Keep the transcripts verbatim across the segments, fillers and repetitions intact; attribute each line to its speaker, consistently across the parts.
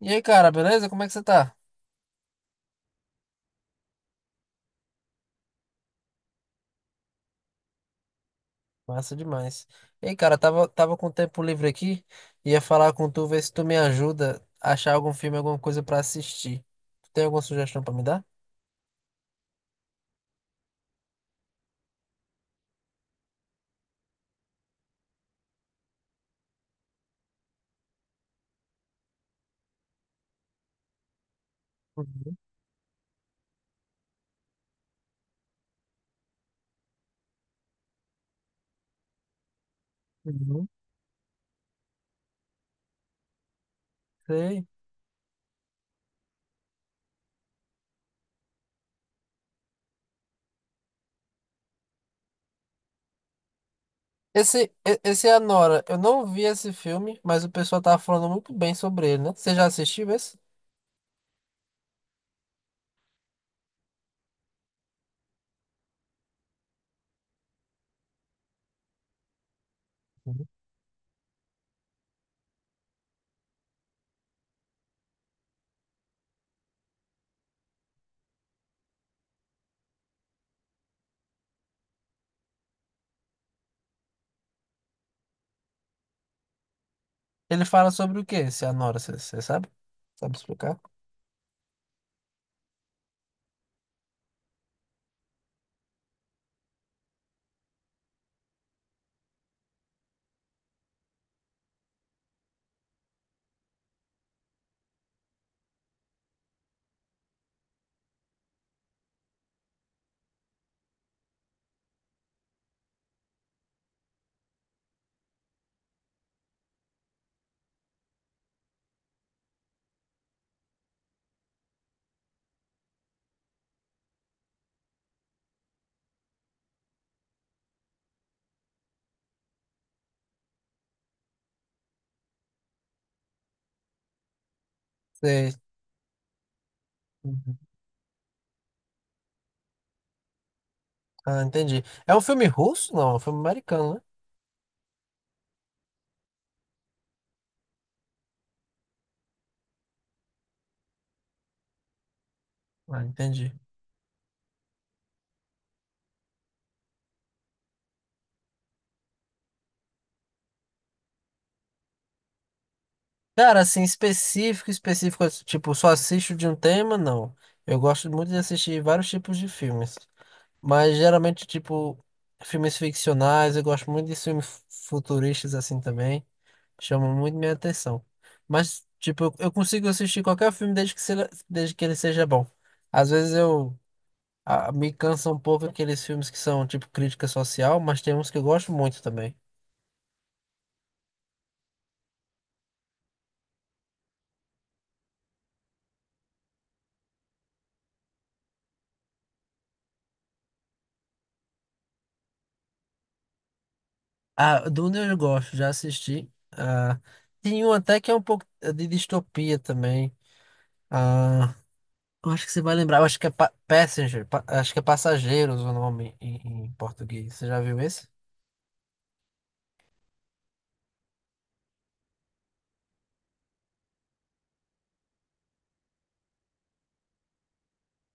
Speaker 1: E aí, cara, beleza? Como é que você tá? Massa demais. E aí, cara, tava, tava com tempo livre aqui, ia falar com tu, ver se tu me ajuda a achar algum filme, alguma coisa pra assistir. Tu tem alguma sugestão pra me dar? Uhum, uhum. Sei. Esse, e- esse é a Nora. Eu não vi esse filme, mas o pessoal tava falando muito bem sobre ele, né? Você já assistiu esse? Uhum. Ele fala sobre o quê, esse Anora? Você você sabe? Sabe explicar? Sei. Uhum. Ah, entendi. É um filme russo? Não, é um filme americano, né? Ah, entendi. Cara, assim, específico, específico, tipo, só assisto de um tema, não. Eu gosto muito de assistir vários tipos de filmes. Mas geralmente, tipo, filmes ficcionais, eu gosto muito de filmes fu- futuristas assim também. Chamam muito minha atenção. Mas, tipo, eu eu consigo assistir qualquer filme desde que, seja, desde que ele seja bom. Às vezes eu ah, me cansa um pouco aqueles filmes que são, tipo, crítica social, mas tem uns que eu gosto muito também. Ah, Duna eu gosto, já assisti. Ah, tem um até que é um pouco é de distopia também. Ah, eu acho que você vai lembrar, eu acho que é Pa- Passenger, Pa- acho que é Passageiros o nome em, em português. Você já viu esse?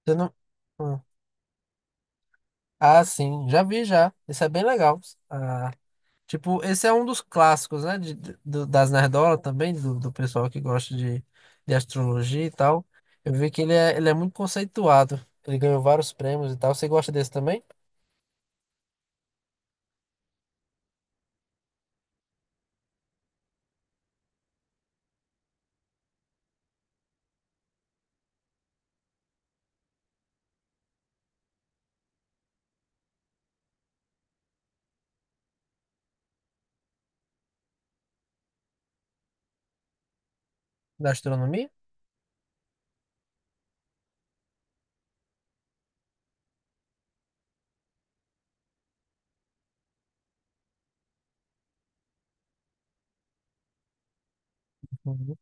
Speaker 1: Você não... Ah, ah, sim, já vi já. Esse é bem legal. Ah, tipo, esse é um dos clássicos, né? De, de- do- das nerdola também, do, do pessoal que gosta de, de astrologia e tal. Eu vi que ele é, ele é muito conceituado. Ele ganhou vários prêmios e tal. Você gosta desse também? Da astronomia? Uhum.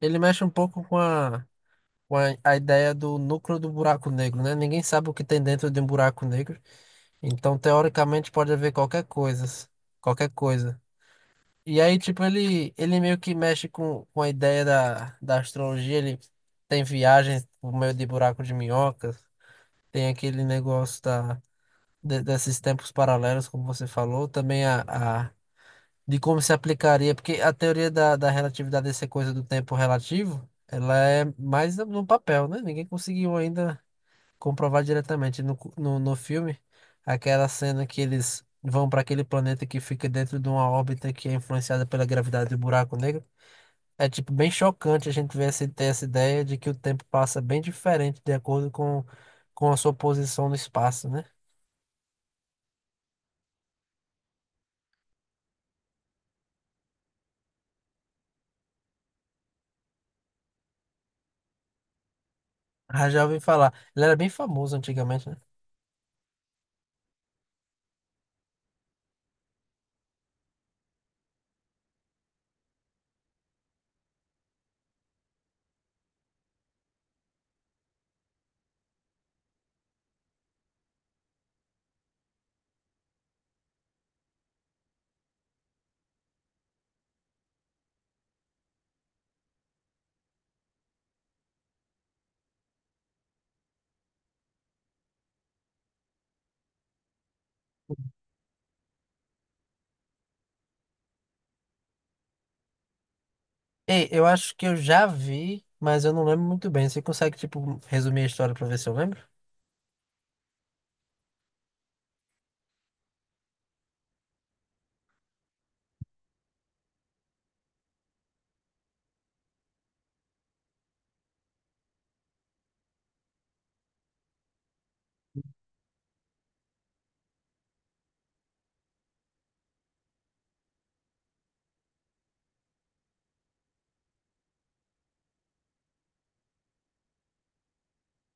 Speaker 1: Ele mexe um pouco com a, com a, a ideia do núcleo do buraco negro, né? Ninguém sabe o que tem dentro de um buraco negro. Então, teoricamente, pode haver qualquer coisa. Qualquer coisa. E aí, tipo, ele, ele meio que mexe com, com a ideia da, da astrologia. Ele tem viagens por meio de buraco de minhocas. Tem aquele negócio da, de- desses tempos paralelos, como você falou. Também a, a de como se aplicaria, porque a teoria da, da relatividade, essa coisa do tempo relativo, ela é mais no no papel, né? Ninguém conseguiu ainda comprovar diretamente no, cu- no, no filme aquela cena que eles vão para aquele planeta que fica dentro de uma órbita que é influenciada pela gravidade do buraco negro. É tipo bem chocante a gente ver essa, ter essa ideia de que o tempo passa bem diferente de acordo com, com a sua posição no espaço, né? Ah, já ouvi falar. Ele era bem famoso antigamente, né? Ei, eu acho que eu já vi, mas eu não lembro muito bem. Você consegue, tipo, resumir a história pra ver se eu lembro?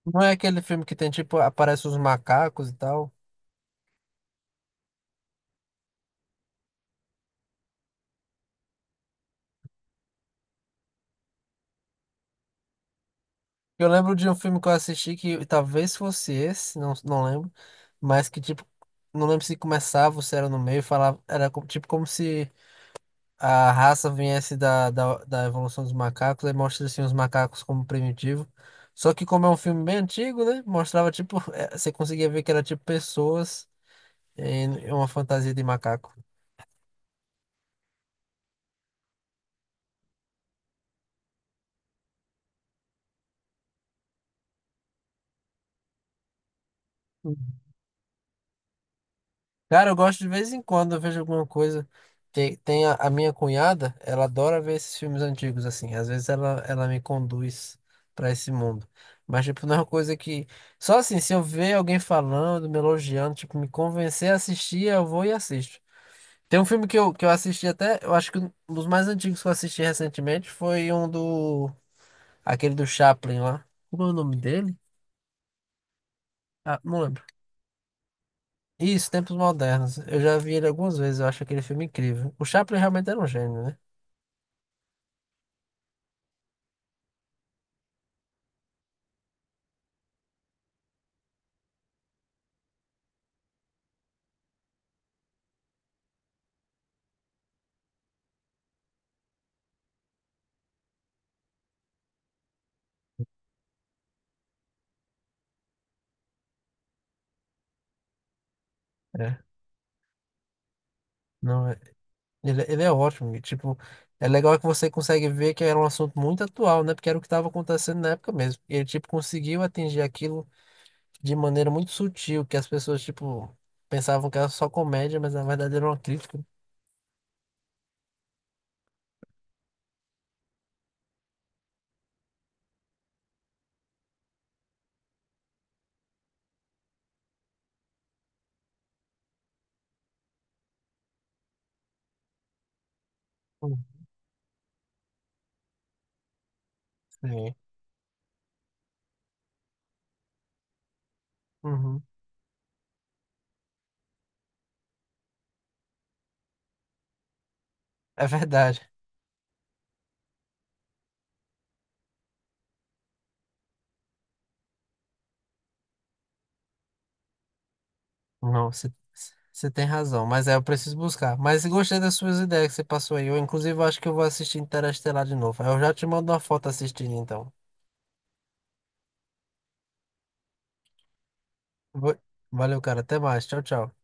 Speaker 1: Não é aquele filme que tem, tipo, aparece os macacos e tal. Eu lembro de um filme que eu assisti que talvez fosse esse, não, não lembro. Mas que, tipo, não lembro se começava ou se era no meio, falava, era co- tipo como se a raça viesse da, da, da evolução dos macacos, aí mostra assim os macacos como primitivo. Só que como é um filme bem antigo, né? Mostrava, tipo, eh, você conseguia ver que era tipo pessoas. É uma fantasia de macaco. Cara, eu gosto de vez em quando, eu vejo alguma coisa. Tem, tem a, a minha cunhada, ela adora ver esses filmes antigos, assim. Às vezes ela, ela me conduz pra esse mundo. Mas, tipo, não é uma coisa que. Só assim, se eu ver alguém falando, me elogiando, tipo, me convencer a assistir, eu vou e assisto. Tem um filme que eu, que eu assisti até, eu acho que um dos mais antigos que eu assisti recentemente foi um do. Aquele do Chaplin lá. Como é o nome dele? Ah, não lembro. Isso, Tempos Modernos. Eu já vi ele algumas vezes, eu acho aquele filme incrível. O Chaplin realmente era um gênio, né? É. Não, é- ele, ele é ótimo. E, tipo, é legal que você consegue ver que era um assunto muito atual, né? Porque era o que estava acontecendo na época mesmo. E ele, tipo, conseguiu atingir aquilo de maneira muito sutil, que as pessoas, tipo, pensavam que era só comédia, mas na verdade era uma crítica. Hum, Sim. Uhum. É verdade. Não, você você tem razão, mas é, eu preciso buscar. Mas gostei das suas ideias que você passou aí. Eu, inclusive, acho que eu vou assistir Interestelar de novo. Eu já te mando uma foto assistindo, então. Vou- Valeu, cara. Até mais. Tchau, tchau.